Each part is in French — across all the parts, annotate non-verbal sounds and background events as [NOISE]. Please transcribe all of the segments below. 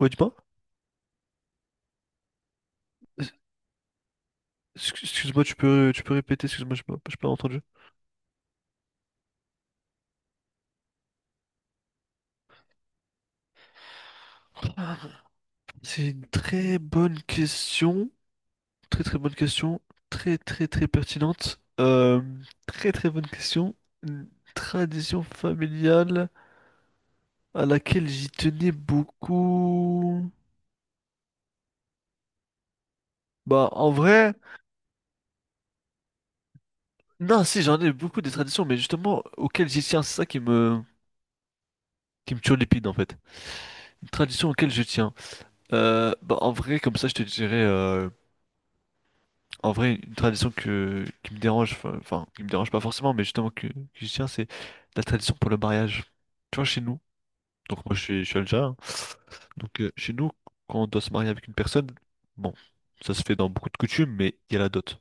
Ouais, dis-moi. Excuse-moi, tu peux répéter, excuse-moi, je n'ai pas entendu. C'est une très bonne question, très très bonne question, très très très pertinente, très très bonne question. Une tradition familiale à laquelle j'y tenais beaucoup. Bah, en vrai, non, si, j'en ai beaucoup des traditions, mais justement, auxquelles j'y tiens, c'est ça qui me turlupine en fait. Une tradition auxquelles je tiens. Bah, en vrai, comme ça, je te dirais. En vrai, une tradition qui me dérange, enfin, qui me dérange pas forcément, mais justement que je tiens, c'est la tradition pour le mariage. Tu vois, chez nous, donc moi je suis algérien, hein. Donc chez nous, quand on doit se marier avec une personne, bon, ça se fait dans beaucoup de coutumes, mais il y a la dot.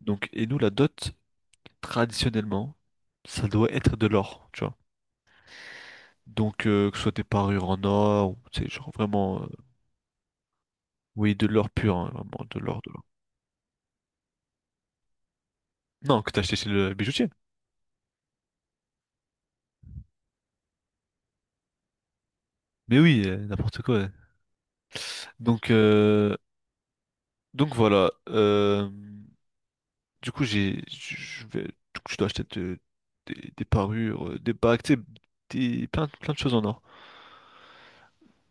Donc, et nous, la dot, traditionnellement, ça doit être de l'or, tu vois. Donc, que ce soit des parures en or, ou, tu sais, genre vraiment, oui, de l'or pur, hein, vraiment, de l'or, de l'or. Non, que t'as acheté chez le bijoutier. Mais oui, n'importe quoi. Ouais. Donc, donc voilà, du coup, je dois acheter des parures, des bagues, tu sais, des, plein, plein de choses en or.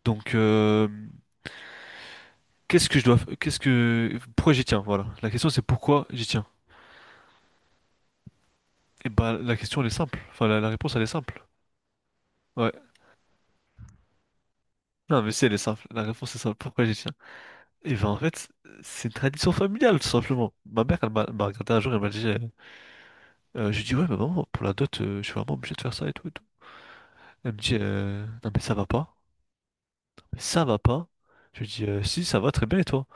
Donc qu'est-ce que je dois, f- qu'est-ce que, pourquoi j'y tiens? Voilà, la question c'est pourquoi j'y tiens. Et bah la question elle est simple, enfin la réponse elle est simple. Ouais, non mais si elle est simple, la réponse est simple. Pourquoi j'y tiens? Et ben en fait c'est une tradition familiale tout simplement. Ma mère elle m'a regardé un jour elle m'a dit, je lui dis ouais mais maman pour la dot je suis vraiment obligé de faire ça et tout et tout. Elle me dit non mais ça va pas. Ça va pas? Je lui dis, si, ça va très bien, et toi?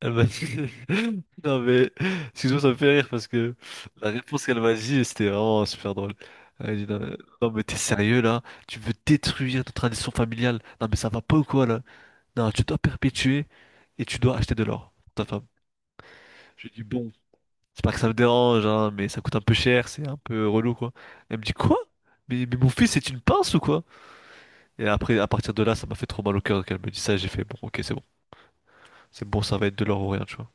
Elle m'a dit, [LAUGHS] non mais, excuse-moi, ça me fait rire parce que la réponse qu'elle m'a dit, c'était vraiment super drôle. Elle dit, non, mais non, mais t'es sérieux là? Tu veux détruire notre tradition familiale? Non mais ça va pas ou quoi là? Non, tu dois perpétuer et tu dois acheter de l'or pour ta femme. Je lui dis, bon, c'est pas que ça me dérange, hein, mais ça coûte un peu cher, c'est un peu relou quoi. Elle me dit, quoi? Mais mon fils, c'est une pince ou quoi? Et après, à partir de là, ça m'a fait trop mal au cœur qu'elle me dise ça, j'ai fait, bon, ok, c'est bon. C'est bon, ça va être de l'or ou rien, tu vois.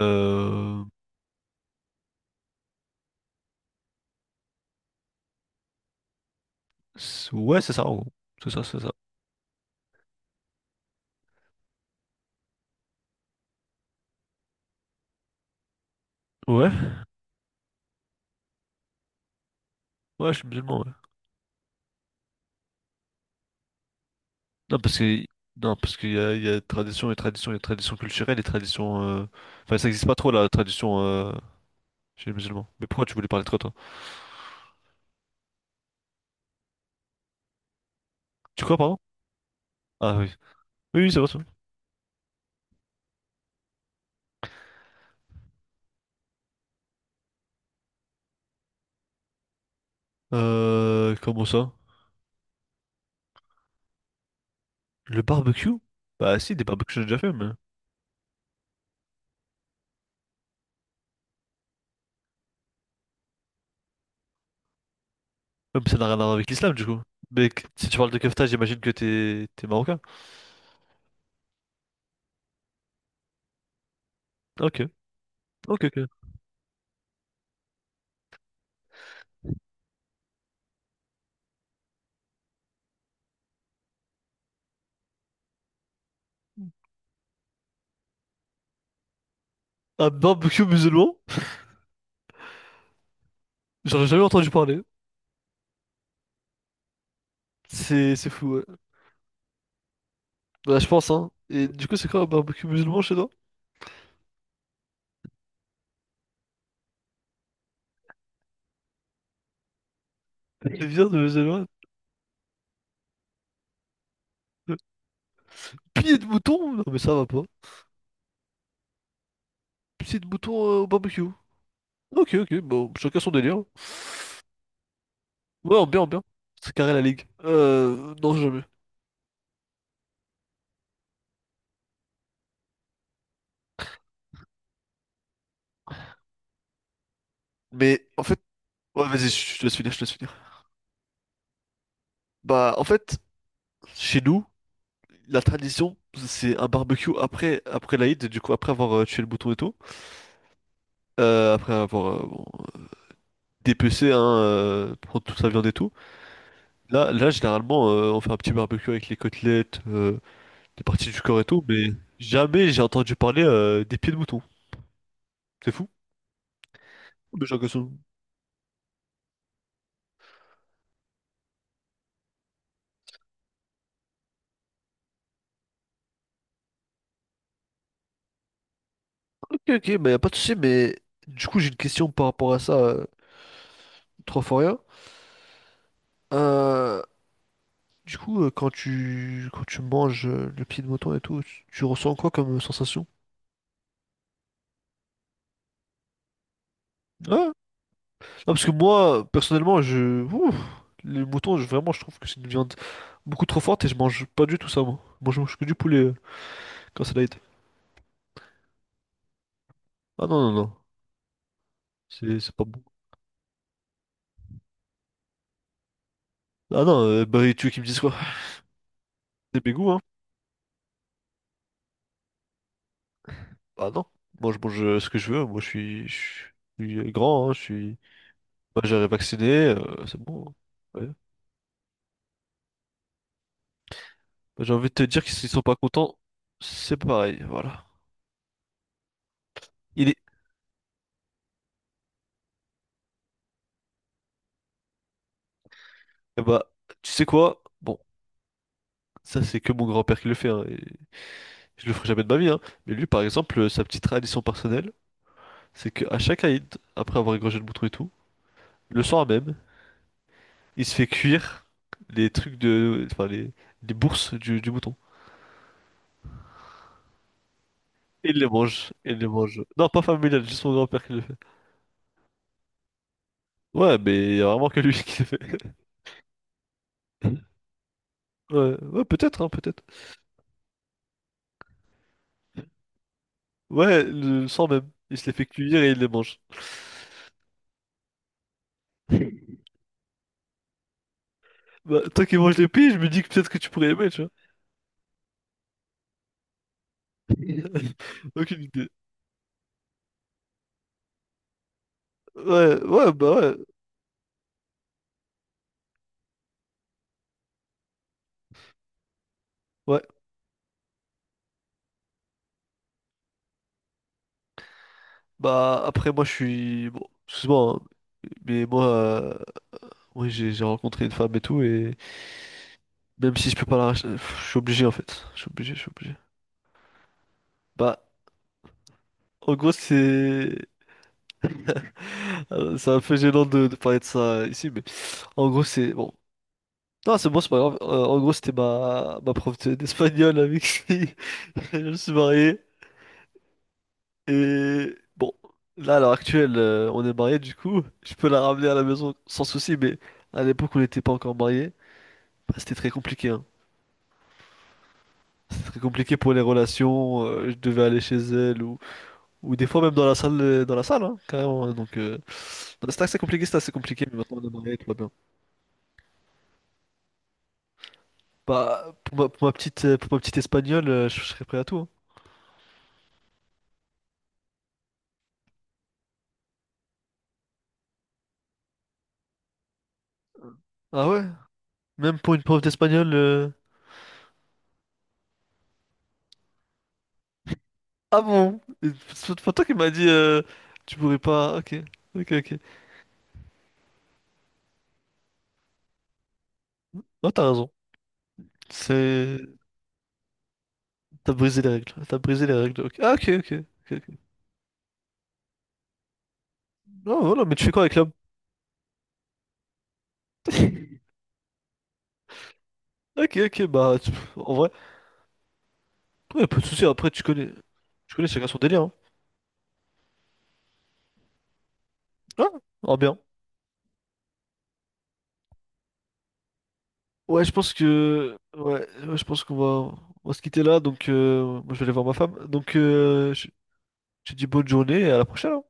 Euh... c'est- Ouais, c'est ça, en gros. C'est ça, c'est ça. Ouais? Ouais, je suis musulman, ouais. Non, parce que... Non, parce qu'il y a, il y a tradition et tradition, il y a tradition culturelle et tradition... Enfin, ça existe pas trop, la tradition chez les musulmans. Mais pourquoi tu voulais parler de toi, toi? Tu crois, pardon? Ah oui. Oui, oui, c'est vrai, c'est comment ça? Le barbecue? Bah si, des barbecues, j'en ai déjà fait, mais... Ouais, mais ça n'a rien à voir avec l'islam, du coup. Mais si tu parles de kefta, j'imagine que t'es... t'es marocain. Ok. Ok, ok. Un barbecue musulman? J'aurais jamais entendu parler. C'est fou, ouais. Bah, je pense, hein. Et du coup, c'est quoi un barbecue musulman chez toi? C'est bien de musulman. Pied de mouton? Non, mais ça va pas. Pied de mouton au barbecue. Ok, ok, bon, chacun son délire. Ouais, en bien, en bien. C'est carré la ligue. Non, jamais. Mais en fait, ouais, vas-y, je te laisse finir. Bah, en fait, chez nous, la tradition, c'est un barbecue après l'Aïd, du coup, après avoir tué le mouton et tout. Après avoir bon, euh, dépecé, hein, prendre toute sa viande et tout. Là, généralement, on fait un petit barbecue avec les côtelettes, des parties du corps et tout, mais jamais j'ai entendu parler des pieds de mouton. C'est fou? Mais j'ai l'impression- Ok, ok, mais y a pas de souci, mais du coup j'ai une question par rapport à ça, trop fort rien. Euh, du coup, quand tu manges le pied de mouton et tout, tu ressens quoi comme sensation? Ouais. Ouais, non, parce que moi, personnellement, je. Ouh, les moutons, je- vraiment, je trouve que c'est une viande beaucoup trop forte et je mange pas du tout ça, moi. Moi, je mange que du poulet quand c'est light. Ah non, non, non. C'est pas bon. Ah non, bah et tu veux qu'ils me disent quoi? [LAUGHS] C'est mes goûts, hein? Bah non. Moi je mange ce que je veux, je suis grand, hein, je suis majeur et vacciné, c'est bon. Hein. Ouais. Bah, j'ai envie de te dire que s'ils sont pas contents, c'est pareil, voilà. Il est... Eh bah, tu sais quoi? Bon, ça c'est que mon grand-père qui le fait, hein, et je le ferai jamais de ma vie, hein. Mais lui par exemple, sa petite tradition personnelle, c'est qu'à chaque Aïd, après avoir égorgé le mouton et tout, le soir même, il se fait cuire les trucs de... enfin les bourses du mouton. Il les mange. Non, pas familial, juste mon grand-père qui le fait. Ouais, mais il y a vraiment que lui [LAUGHS] qui le fait. [LAUGHS] Ouais, ouais, peut-être, hein, peut-être. Ouais, le sang même. Il se les fait cuire et il les mange. [LAUGHS] Bah, toi qui manges les pieds, je me dis que peut-être que tu pourrais aimer, tu vois. [LAUGHS] Aucune idée. Ouais. Ouais. Bah, après, moi, je suis... Bon, excuse-moi, hein, mais moi, oui, j'ai rencontré une femme et tout, et même si je peux pas la racheter, pff, je suis obligé, en fait. Je suis obligé. Bah, en gros, c'est... c'est un peu gênant de parler de ça ici, mais en gros, c'est bon. Non, c'est bon, c'est pas grave. En gros, c'était ma prof d'espagnol avec qui [LAUGHS] je me suis marié. Et bon, là, à l'heure actuelle, on est mariés, du coup, je peux la ramener à la maison sans souci, mais à l'époque, on n'était pas encore mariés. Bah, c'était très compliqué, hein. C'était très compliqué pour les relations. Je devais aller chez elle ou des fois même dans la salle, hein, carrément. Hein, donc, non, c'était assez compliqué, mais maintenant, on est mariés, tout va bien. Bah, pour pour ma petite espagnole, je serais prêt à tout. Hein. Ah ouais? Même pour une prof d'espagnol. Ah bon? Et toi qui m'a dit tu pourrais pas. Ok, ok, ok. Non, t'as raison. C'est. T'as brisé les règles. T'as brisé les règles. Ok. Ah, ok, ok. Ok, ok. Non, voilà, mais tu fais quoi avec l'homme? [LAUGHS] Ok, ok, bah, en vrai, ouais, pas de soucis, après, tu connais chacun son délire, hein. Ah, ah, bien. Ouais, je pense que, ouais, ouais, je pense qu'on va, on va se quitter là, donc, moi, je vais aller voir ma femme, donc, je te dis bonne journée et à la prochaine. Hein.